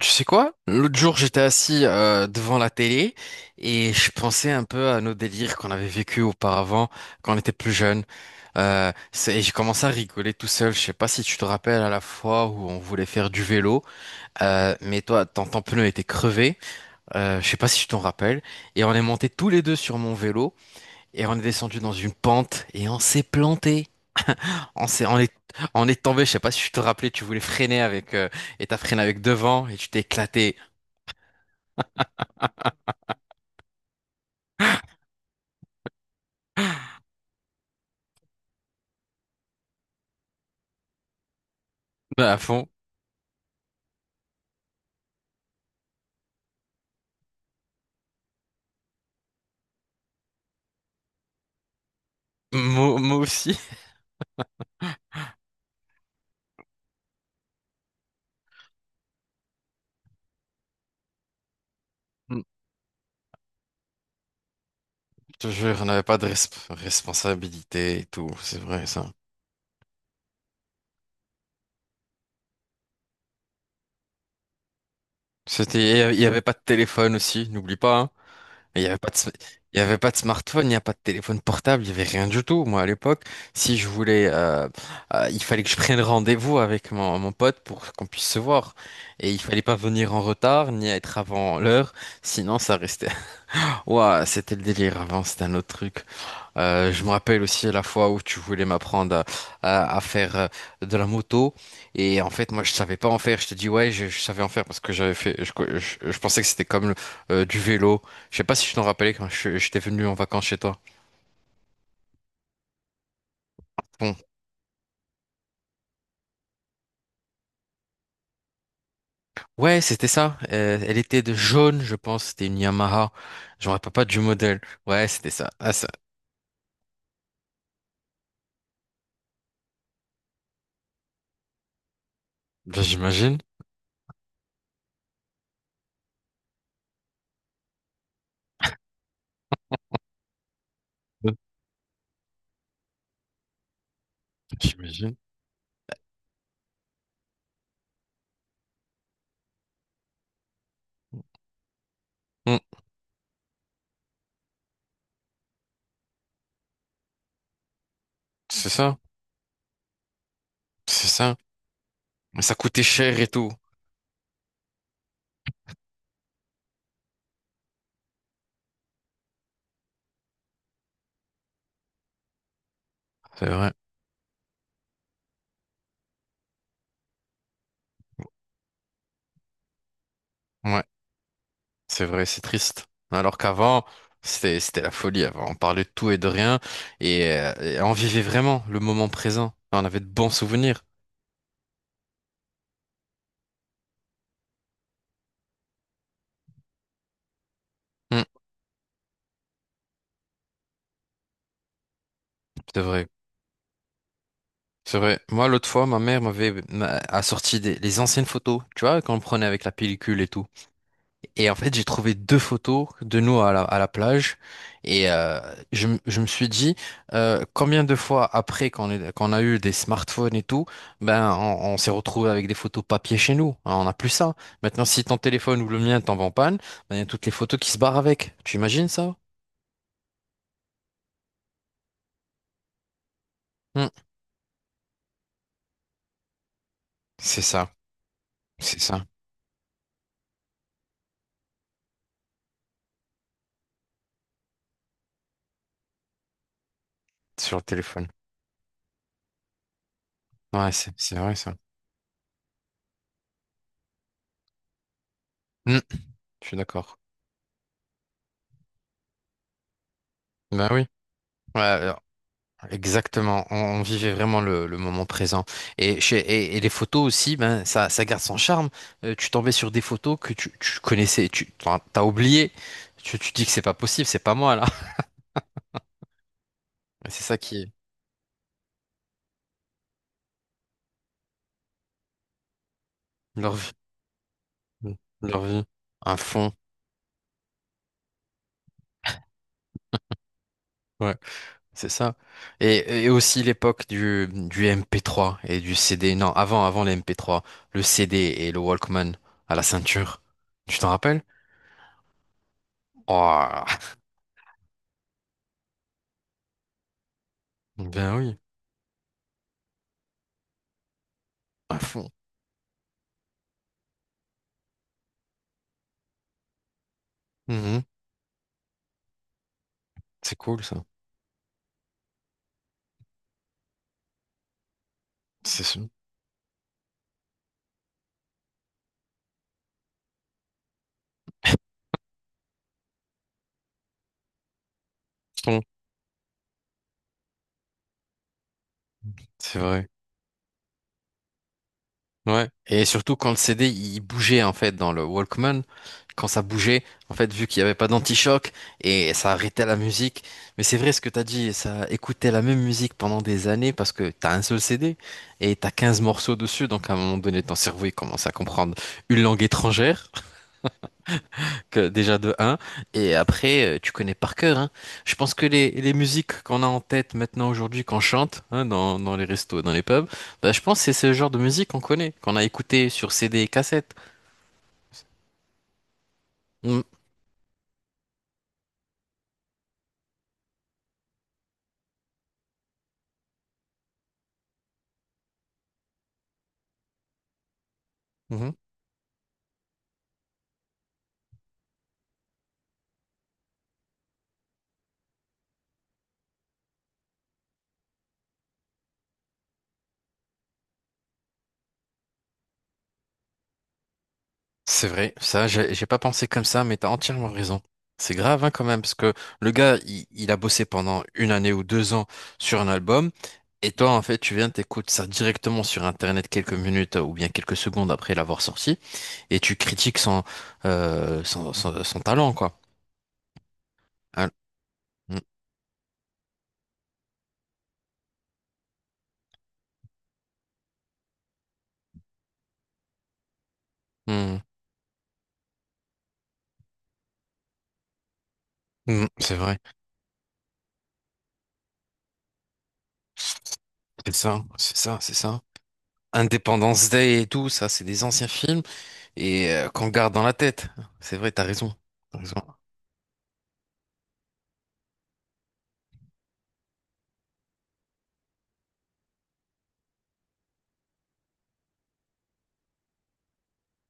Tu sais quoi? L'autre jour, j'étais assis devant la télé et je pensais un peu à nos délires qu'on avait vécu auparavant quand on était plus jeune. Et j'ai commencé à rigoler tout seul. Je sais pas si tu te rappelles à la fois où on voulait faire du vélo, mais toi, ton pneu était crevé. Je sais pas si tu t'en rappelles. Et on est montés tous les deux sur mon vélo et on est descendu dans une pente et on s'est planté. On s'est, on est, on est tombé. Je sais pas si tu te rappelais. Tu voulais freiner avec et t'as freiné avec devant et tu t'es éclaté à fond. Moi, moi aussi. Mm. Je te jure, on n'avait pas de responsabilité et tout, c'est vrai ça. Il n'y avait pas de téléphone aussi, n'oublie pas, hein. Il n'y avait pas de, sm- il y avait pas de smartphone, il n'y a pas de téléphone portable, il n'y avait rien du tout. Moi, à l'époque, si je voulais, il fallait que je prenne rendez-vous avec mon pote pour qu'on puisse se voir. Et il fallait pas venir en retard, ni être avant l'heure, sinon ça restait. Ouah, c'était le délire avant, c'était un autre truc. Je me rappelle aussi la fois où tu voulais m'apprendre à faire de la moto et en fait moi je savais pas en faire. Je te dis ouais je savais en faire parce que j'avais fait. Je pensais que c'était comme du vélo. Je sais pas si je t'en rappelais quand j'étais venu en vacances chez toi. Bon ouais c'était ça. Elle était de jaune je pense. C'était une Yamaha. Je me rappelle pas du modèle. Ouais c'était ça. Ah ça. Ben, j'imagine. Ouais, j'imagine. Hmm, c'est ça. C'est ça. Mais ça coûtait cher et tout. C'est vrai. Ouais. C'est vrai, c'est triste. Alors qu'avant, c'était la folie. Avant, on parlait de tout et de rien et on vivait vraiment le moment présent. On avait de bons souvenirs. Hmm, c'est vrai, c'est vrai. Moi, l'autre fois, ma mère a sorti les anciennes photos, tu vois, qu'on prenait avec la pellicule et tout. Et en fait, j'ai trouvé deux photos de nous à la plage. Et je me suis dit, combien de fois après qu'on a eu des smartphones et tout, ben on s'est retrouvé avec des photos papier chez nous. Hein, on n'a plus ça. Maintenant, si ton téléphone ou le mien tombe en panne, ben, il y a toutes les photos qui se barrent avec. Tu imagines ça? Hmm. C'est ça, c'est ça, sur le téléphone. Ouais, c'est vrai ça. Hmm. Je suis d'accord. Ben oui. Ouais, exactement, on vivait vraiment le moment présent. Et les photos aussi, ben, ça garde son charme. Tu tombais sur des photos que tu connaissais, t'as oublié. Tu dis que c'est pas possible, c'est pas moi là. C'est ça qui est leur vie, leur vie, un fond. Ouais, c'est ça. Et aussi l'époque du MP3 et du CD. Non, avant les MP3, le CD et le Walkman à la ceinture. Tu t'en rappelles? Oh, ben oui, un fond. Mhm. C'est cool ça. C'est son. Son, c'est vrai. Ouais. Et surtout quand le CD il bougeait en fait dans le Walkman, quand ça bougeait, en fait vu qu'il n'y avait pas d'anti-choc et ça arrêtait la musique. Mais c'est vrai ce que t'as dit, ça écoutait la même musique pendant des années parce que t'as un seul CD et t'as 15 morceaux dessus, donc à un moment donné ton cerveau il commence à comprendre une langue étrangère. Que déjà de un et après, tu connais par cœur, hein. Je pense que les musiques qu'on a en tête maintenant aujourd'hui, qu'on chante, hein, dans les restos, dans les pubs, bah, je pense que c'est ce genre de musique qu'on connaît, qu'on a écouté sur CD et cassette. Mm. Mhm. C'est vrai, ça, j'ai pas pensé comme ça, mais t'as entièrement raison. C'est grave, hein, quand même, parce que le gars, il a bossé pendant une année ou 2 ans sur un album, et toi, en fait, tu viens, t'écoutes ça directement sur Internet quelques minutes ou bien quelques secondes après l'avoir sorti. Et tu critiques son talent, quoi. Al- Mm. Mm. Mm. C'est vrai, c'est ça, c'est ça, c'est ça. Independence Day et tout, ça, c'est des anciens films et qu'on garde dans la tête. C'est vrai, t'as raison. T'as raison.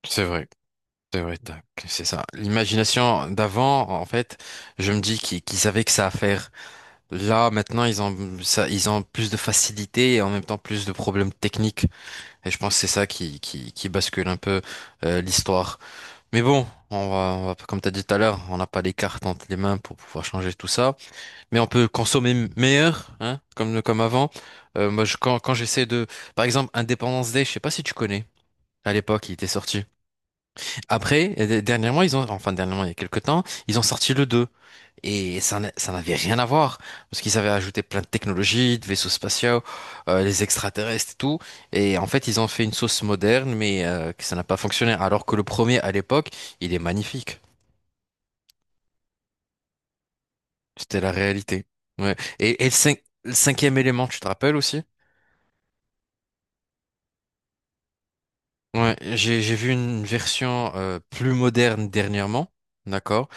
C'est vrai, c'est vrai, tac, c'est ça. L'imagination d'avant, en fait, je me dis qu'ils savaient que ça à faire. Là, maintenant, ils ont ça, ils ont plus de facilité et en même temps plus de problèmes techniques. Et je pense que c'est ça qui bascule un peu l'histoire. Mais bon, comme tu as dit tout à l'heure, on n'a pas les cartes entre les mains pour pouvoir changer tout ça. Mais on peut consommer meilleur, hein, comme avant. Moi, je, quand j'essaie de... Par exemple, Independence Day, je sais pas si tu connais. À l'époque, il était sorti. Après, dernièrement, Enfin, dernièrement, il y a quelques temps, ils ont sorti le 2. Et ça n'avait rien à voir, parce qu'ils avaient ajouté plein de technologies, de vaisseaux spatiaux, les extraterrestres et tout. Et en fait, ils ont fait une sauce moderne, mais que ça n'a pas fonctionné. Alors que le premier, à l'époque, il est magnifique. C'était la réalité. Ouais. Le cinquième élément, tu te rappelles aussi? Ouais, j'ai vu une version plus moderne dernièrement, d'accord?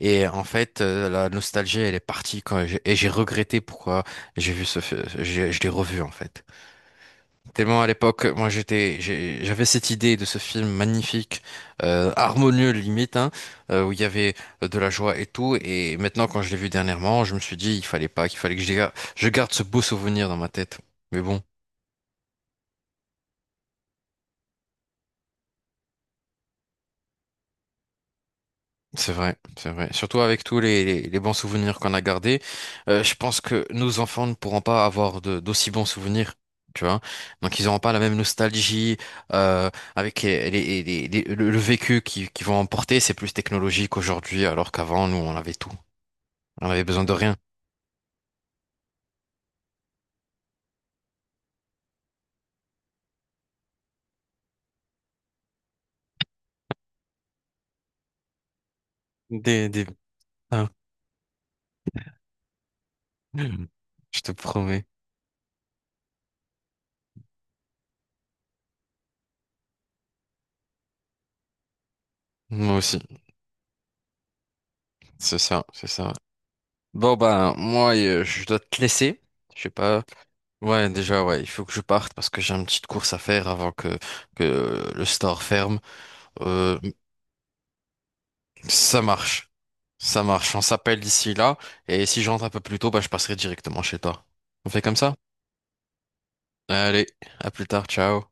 Et en fait, la nostalgie, elle est partie quand j'ai regretté pourquoi j'ai vu ce, fi- j'ai- je l'ai revu en fait. Tellement à l'époque, moi j'avais cette idée de ce film magnifique, harmonieux limite, hein, où il y avait de la joie et tout. Et maintenant, quand je l'ai vu dernièrement, je me suis dit, il fallait pas, qu'il fallait que je garde ce beau souvenir dans ma tête. Mais bon. C'est vrai, c'est vrai. Surtout avec tous les bons souvenirs qu'on a gardés, je pense que nos enfants ne pourront pas avoir d'aussi bons souvenirs, tu vois. Donc ils n'auront pas la même nostalgie euh, avec le vécu qu'ils vont emporter. C'est plus technologique aujourd'hui, alors qu'avant, nous, on avait tout. On avait besoin de rien. Des, des... Ah. Je te promets. Moi aussi, c'est ça, c'est ça. Bon, ben, moi, je dois te laisser. Je sais pas. Ouais, déjà, ouais, il faut que je parte parce que j'ai une petite course à faire avant que le store ferme. Euh, Ça marche. Ça marche. On s'appelle d'ici là. Et si j'entre un peu plus tôt, bah, je passerai directement chez toi. On fait comme ça? Allez, à plus tard. Ciao.